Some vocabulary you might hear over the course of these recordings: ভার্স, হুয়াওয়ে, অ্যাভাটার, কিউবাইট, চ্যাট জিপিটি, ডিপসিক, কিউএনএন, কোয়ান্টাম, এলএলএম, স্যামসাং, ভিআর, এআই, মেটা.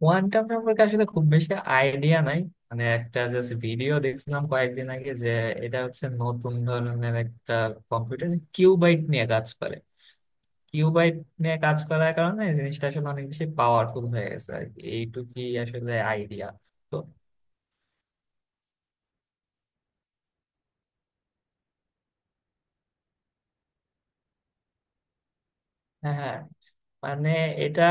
কোয়ান্টাম সম্পর্কে আসলে খুব বেশি আইডিয়া নাই। মানে একটা জাস্ট ভিডিও দেখছিলাম কয়েকদিন আগে যে এটা হচ্ছে নতুন ধরনের একটা কম্পিউটার, কিউবাইট নিয়ে কাজ করে। কিউবাইট নিয়ে কাজ করার কারণে এই জিনিসটা আসলে অনেক বেশি পাওয়ারফুল হয়ে গেছে আর কি। এইটুকুই আসলে আইডিয়া। তো হ্যাঁ, মানে এটা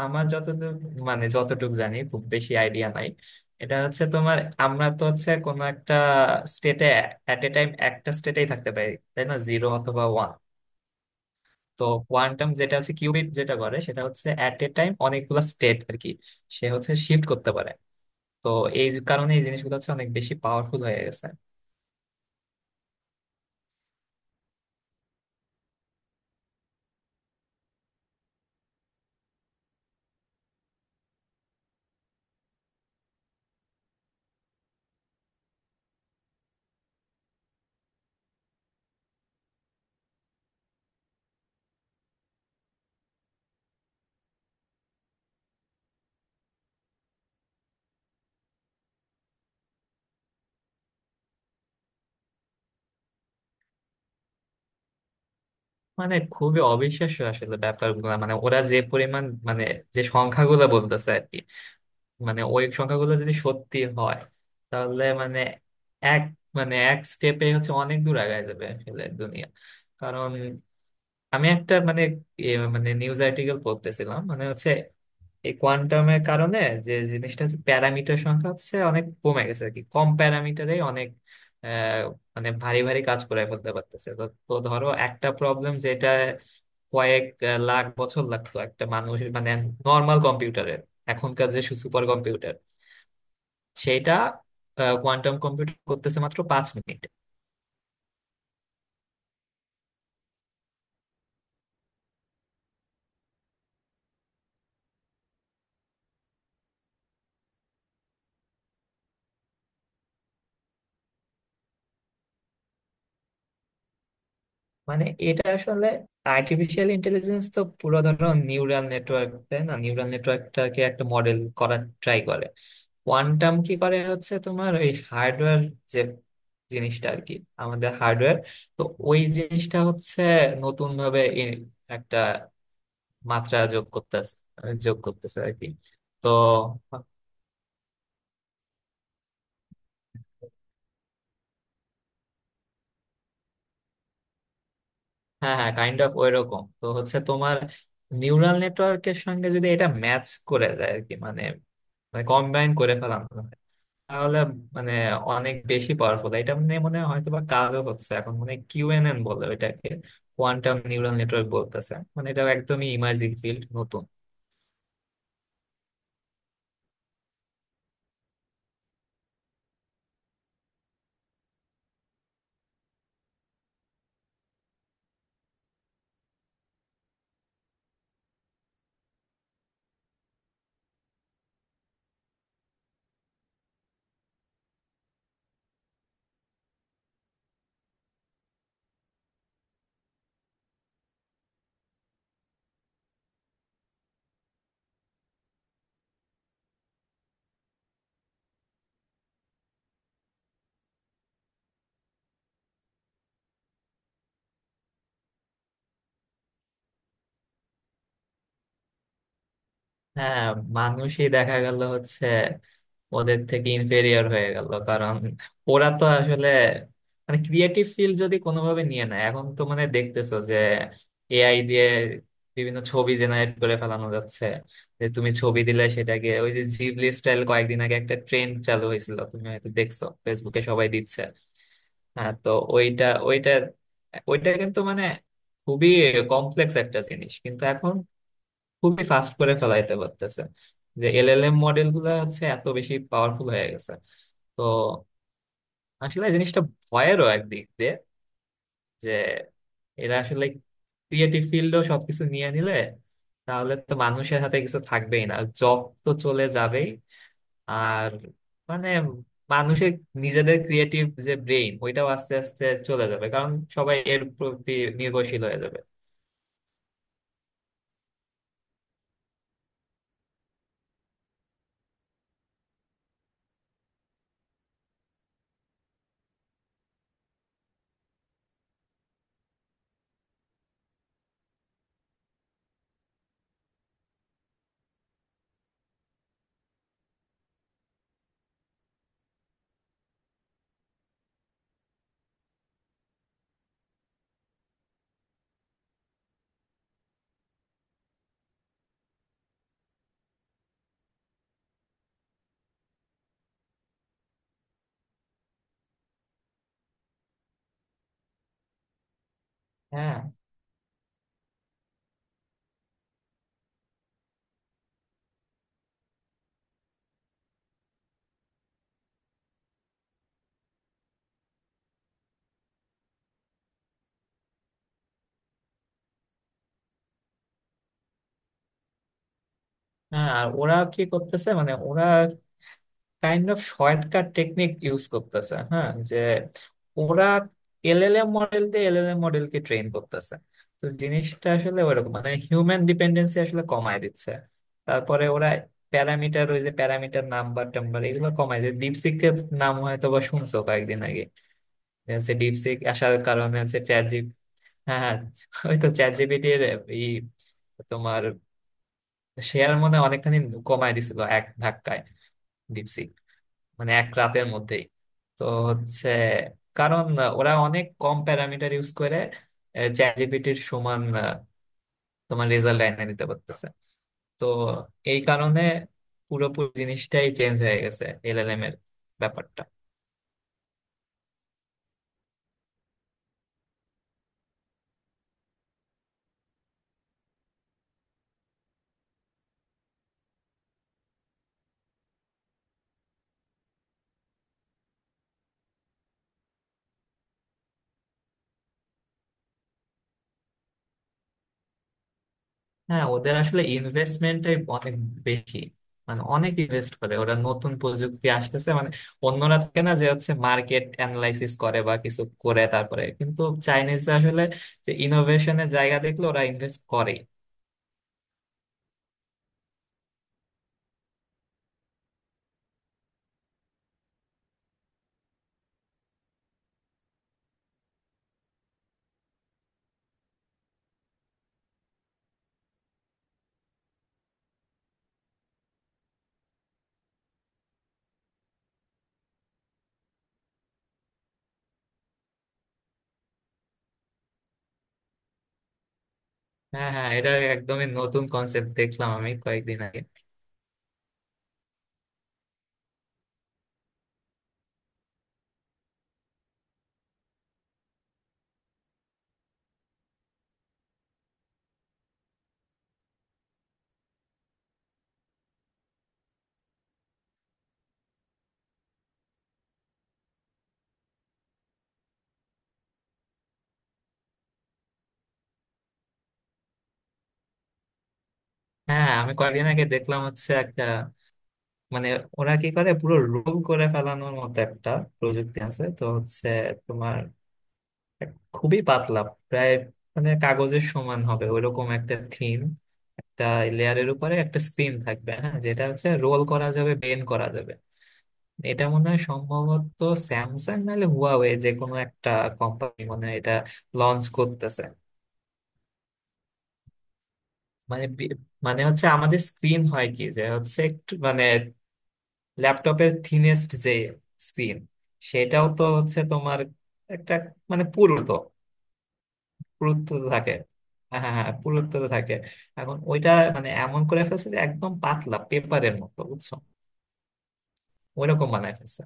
আমার যতদূর, মানে যতটুকু জানি, খুব বেশি আইডিয়া নাই। এটা হচ্ছে তোমার আমরা তো হচ্ছে কোনো একটা স্টেটে এট এ টাইম একটা স্টেটেই থাকতে পারি তাই না, জিরো অথবা ওয়ান। তো কোয়ান্টাম যেটা হচ্ছে কিউবিট যেটা করে সেটা হচ্ছে অ্যাট এ টাইম অনেকগুলো স্টেট আর কি, সে হচ্ছে শিফট করতে পারে। তো এই কারণে এই জিনিসগুলো হচ্ছে অনেক বেশি পাওয়ারফুল হয়ে গেছে। মানে খুবই অবিশ্বাস্য আসলে ব্যাপারগুলো। মানে ওরা যে পরিমাণ, মানে যে সংখ্যাগুলো বলতেছে আর কি, মানে ওই সংখ্যাগুলো যদি সত্যি হয় তাহলে মানে এক এক স্টেপে হচ্ছে অনেক দূর আগায় যাবে আসলে দুনিয়া। কারণ আমি একটা মানে এ মানে নিউজ আর্টিকেল পড়তেছিলাম। মানে হচ্ছে এই কোয়ান্টামের কারণে যে জিনিসটা হচ্ছে প্যারামিটার সংখ্যা হচ্ছে অনেক কমে গেছে আর কি, কম প্যারামিটারে অনেক আহ, মানে ভারী ভারী কাজ করে ফেলতে পারতেছে। তো তো ধরো একটা প্রবলেম যেটা কয়েক লাখ বছর লাগতো একটা মানুষ মানে নর্মাল কম্পিউটারের এখনকার যে সুপার কম্পিউটার, সেটা কোয়ান্টাম কম্পিউটার করতেছে মাত্র 5 মিনিট। মানে এটা আসলে আর্টিফিশিয়াল ইন্টেলিজেন্স তো পুরো ধরো নিউরাল নেটওয়ার্ক তাই না, নিউরাল নেটওয়ার্কটাকে একটা মডেল করার ট্রাই করে। কোয়ান্টাম কি করে হচ্ছে তোমার ওই হার্ডওয়্যার যে জিনিসটা আর কি, আমাদের হার্ডওয়্যার, তো ওই জিনিসটা হচ্ছে নতুন ভাবে একটা মাত্রা যোগ করতেছে, যোগ করতেছে আর কি। তো হ্যাঁ হ্যাঁ, কাইন্ড অফ ওইরকম। তো হচ্ছে তোমার নিউরাল নেটওয়ার্কের সঙ্গে যদি এটা ম্যাচ করে যায় আর কি, মানে মানে কম্বাইন করে ফেলাম, তাহলে মানে অনেক বেশি পাওয়ারফুল। এটা নিয়ে মনে হয় হয়তো বা কাজও হচ্ছে এখন, মানে কিউএনএন বলে ওইটাকে, কোয়ান্টাম নিউরাল নেটওয়ার্ক বলতেছে। মানে এটা একদমই ইমার্জিং ফিল্ড, নতুন। হ্যাঁ, মানুষই দেখা গেল হচ্ছে ওদের থেকে ইনফেরিয়র হয়ে গেল। কারণ ওরা তো আসলে মানে ক্রিয়েটিভ ফিল্ড যদি কোনোভাবে নিয়ে নেয়, এখন তো মানে দেখতেছো যে এআই দিয়ে বিভিন্ন ছবি জেনারেট করে ফেলানো যাচ্ছে, যে তুমি ছবি দিলে সেটাকে ওই যে জিবলি স্টাইল কয়েকদিন আগে একটা ট্রেন্ড চালু হয়েছিল, তুমি হয়তো দেখছো ফেসবুকে সবাই দিচ্ছে। হ্যাঁ, তো ওইটা ওইটা ওইটা কিন্তু মানে খুবই কমপ্লেক্স একটা জিনিস, কিন্তু এখন খুবই ফাস্ট করে ফেলাইতে পারতেছে। যে এলএলএম মডেল গুলা হচ্ছে এত বেশি পাওয়ারফুল হয়ে গেছে। তো আসলে জিনিসটা ভয়েরও একদিক দিয়ে, যে এরা আসলে ক্রিয়েটিভ ফিল্ডও সবকিছু নিয়ে নিলে তাহলে তো মানুষের হাতে কিছু থাকবেই না, জব তো চলে যাবেই। আর মানে মানুষের নিজেদের ক্রিয়েটিভ যে ব্রেইন, ওইটাও আস্তে আস্তে চলে যাবে কারণ সবাই এর প্রতি নির্ভরশীল হয়ে যাবে। হ্যাঁ হ্যাঁ, আর ওরা কি করতেছে মানে ওরা kind of shortcut technique use করতেছে। হ্যাঁ, যে ওরা এলএলএম মডেল দিয়ে এলএলএম মডেলকে ট্রেন করতেছে। তো জিনিসটা আসলে ওরকম, মানে হিউম্যান ডিপেন্ডেন্সি আসলে কমায় দিচ্ছে। তারপরে ওরা প্যারামিটার, ওই যে প্যারামিটার নাম্বার টাম্বার, এগুলো কমায় দিচ্ছে। ডিপসিকের নাম হয়তো বা শুনছো কয়েকদিন আগে, যে হচ্ছে ডিপসিক আসার কারণে হচ্ছে চ্যাট জিপি। হ্যাঁ, ওই তো চ্যাট জিপিটির এই তোমার শেয়ার মনে হয় অনেকখানি কমায় দিছিল এক ধাক্কায় ডিপসিক, মানে এক রাতের মধ্যেই। তো হচ্ছে কারণ ওরা অনেক কম প্যারামিটার ইউজ করে চ্যাট জিপিটির সমান তোমার রেজাল্ট এনে দিতে পারতেছে। তো এই কারণে পুরোপুরি জিনিসটাই চেঞ্জ হয়ে গেছে এলএলএম এর ব্যাপারটা। হ্যাঁ, ওদের আসলে ইনভেস্টমেন্টটাই অনেক বেশি। মানে অনেক ইনভেস্ট করে ওরা, নতুন প্রযুক্তি আসতেছে মানে। অন্যরা থাকে না যে হচ্ছে মার্কেট অ্যানালাইসিস করে বা কিছু করে তারপরে, কিন্তু চাইনিজরা আসলে যে ইনোভেশনের জায়গা দেখলে ওরা ইনভেস্ট করে। হ্যাঁ হ্যাঁ, এটা একদমই নতুন কনসেপ্ট দেখলাম আমি কয়েকদিন আগে। হ্যাঁ হ্যাঁ, আমি কয়েকদিন আগে দেখলাম হচ্ছে একটা মানে ওরা কি করে পুরো রোল করে ফেলানোর মতো একটা প্রযুক্তি আছে। তো হচ্ছে তোমার খুবই পাতলা, প্রায় মানে কাগজের সমান হবে ওইরকম একটা থিম, একটা লেয়ারের উপরে একটা স্ক্রিন থাকবে। হ্যাঁ, যেটা হচ্ছে রোল করা যাবে, বেন্ড করা যাবে। এটা মনে হয় সম্ভবত স্যামসাং নাহলে হুয়াওয়ে, যে কোনো একটা কোম্পানি মনে হয় এটা লঞ্চ করতেছে। মানে মানে হচ্ছে আমাদের স্ক্রিন হয় কি যে হচ্ছে একটু মানে ল্যাপটপের থিনেস্ট যে স্ক্রিন, সেটাও তো হচ্ছে তোমার একটা মানে পুরুত্ব, পুরুত্ব তো থাকে। হ্যাঁ হ্যাঁ হ্যাঁ, পুরুত্ব তো থাকে। এখন ওইটা মানে এমন করে ফেলছে যে একদম পাতলা পেপারের মতো, বুঝছো? ওইরকম বানায় ফেলছে।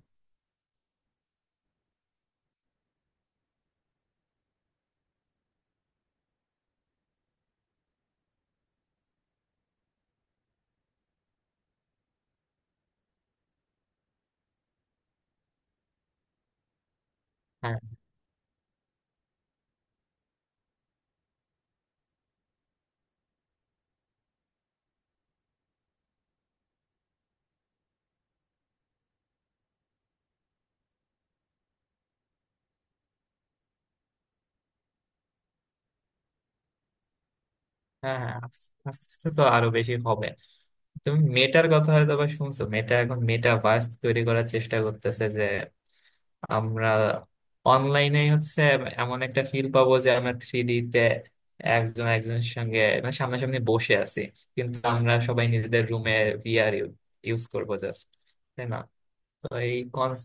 হ্যাঁ হ্যাঁ, হ্যাঁ আস্তে আস্তে তো আরো বেশি হবে। তুমি মেটার কথা হয়তো বা শুনছো, মেটা এখন মেটা ভার্স তৈরি করার চেষ্টা করতেছে যে আমরা অনলাইনে হচ্ছে এমন একটা ফিল পাবো যে আমরা 3D তে একজন একজনের সঙ্গে মানে সামনাসামনি বসে আছি, কিন্তু আমরা সবাই নিজেদের রুমে ভিআর ইউজ করবো জাস্ট, তাই না? তো এই কনস,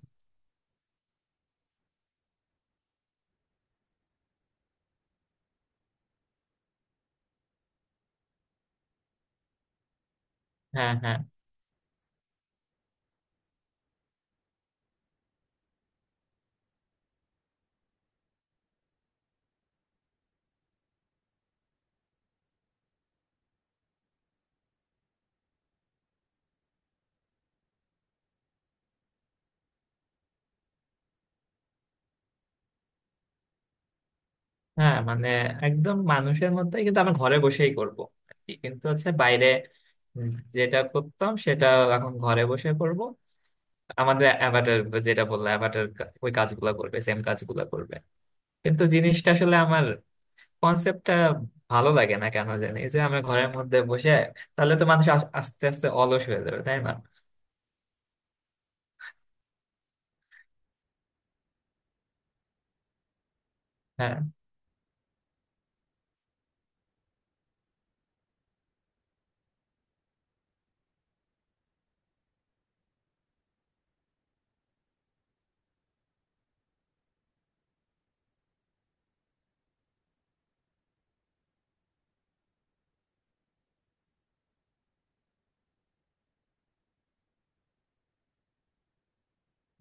হ্যাঁ হ্যাঁ হ্যাঁ, মানে একদম মানুষের মধ্যে, কিন্তু আমি ঘরে বসেই করব আর কি। কিন্তু হচ্ছে বাইরে উম যেটা করতাম সেটা এখন ঘরে বসে করব। আমাদের অ্যাভাটার, যেটা বললো অ্যাভাটার, ওই কাজগুলো করবে, সেম কাজগুলো করবে। কিন্তু জিনিসটা আসলে আমার কনসেপ্টটা ভালো লাগে না কেন জানি, যে আমরা ঘরের মধ্যে বসে, তাহলে তো মানুষ আস্তে আস্তে অলস হয়ে যাবে তাই না। হ্যাঁ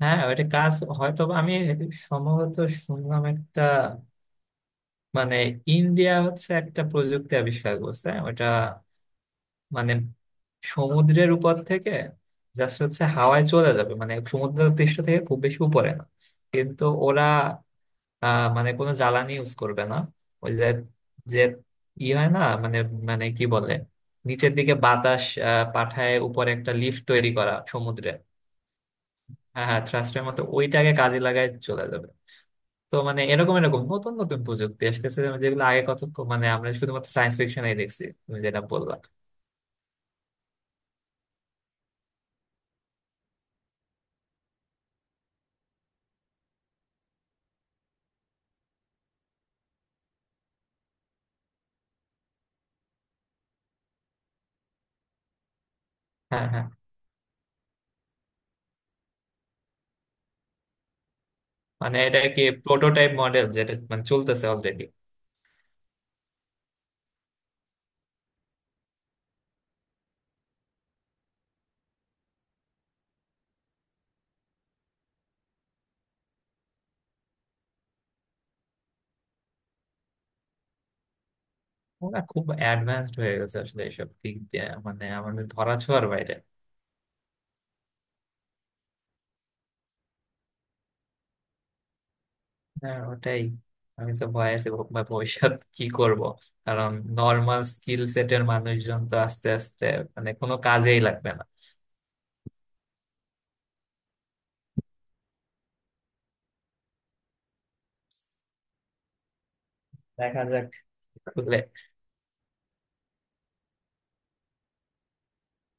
হ্যাঁ, ওইটা কাজ হয়তো বা আমি সম্ভবত শুনলাম একটা, মানে ইন্ডিয়া হচ্ছে একটা প্রযুক্তি আবিষ্কার করছে। ওটা মানে সমুদ্রের উপর থেকে জাস্ট হচ্ছে হাওয়ায় চলে যাবে, মানে সমুদ্রের পৃষ্ঠ থেকে খুব বেশি উপরে না। কিন্তু ওরা মানে কোনো জ্বালানি ইউজ করবে না। ওই যে যে ই হয় না, মানে মানে কি বলে, নিচের দিকে বাতাস পাঠায় উপরে একটা লিফট তৈরি করা সমুদ্রে। হ্যাঁ হ্যাঁ, থ্রাস্টের মতো ওইটাকে কাজে লাগায় চলে যাবে। তো মানে এরকম এরকম নতুন নতুন প্রযুক্তি আসতেছে যেগুলো আগে কত, মানে আমরা শুধুমাত্র সায়েন্স ফিকশনেই দেখছি, তুমি যেটা বললা। হ্যাঁ হ্যাঁ, মানে এটা কি প্রোটোটাইপ মডেল যেটা মানে চলতেছে অলরেডি? ওরা খুব অ্যাডভান্সড হয়ে গেছে আসলে এইসব দিক দিয়ে, মানে আমাদের ধরাছোঁয়ার বাইরে। হ্যাঁ, ওটাই। আমি তো ভয় আছি বা ভবিষ্যৎ কি করব, কারণ নর্মাল স্কিল সেটের মানুষজন তো আস্তে আস্তে মানে কোনো কাজেই লাগবে না। দেখা যাক।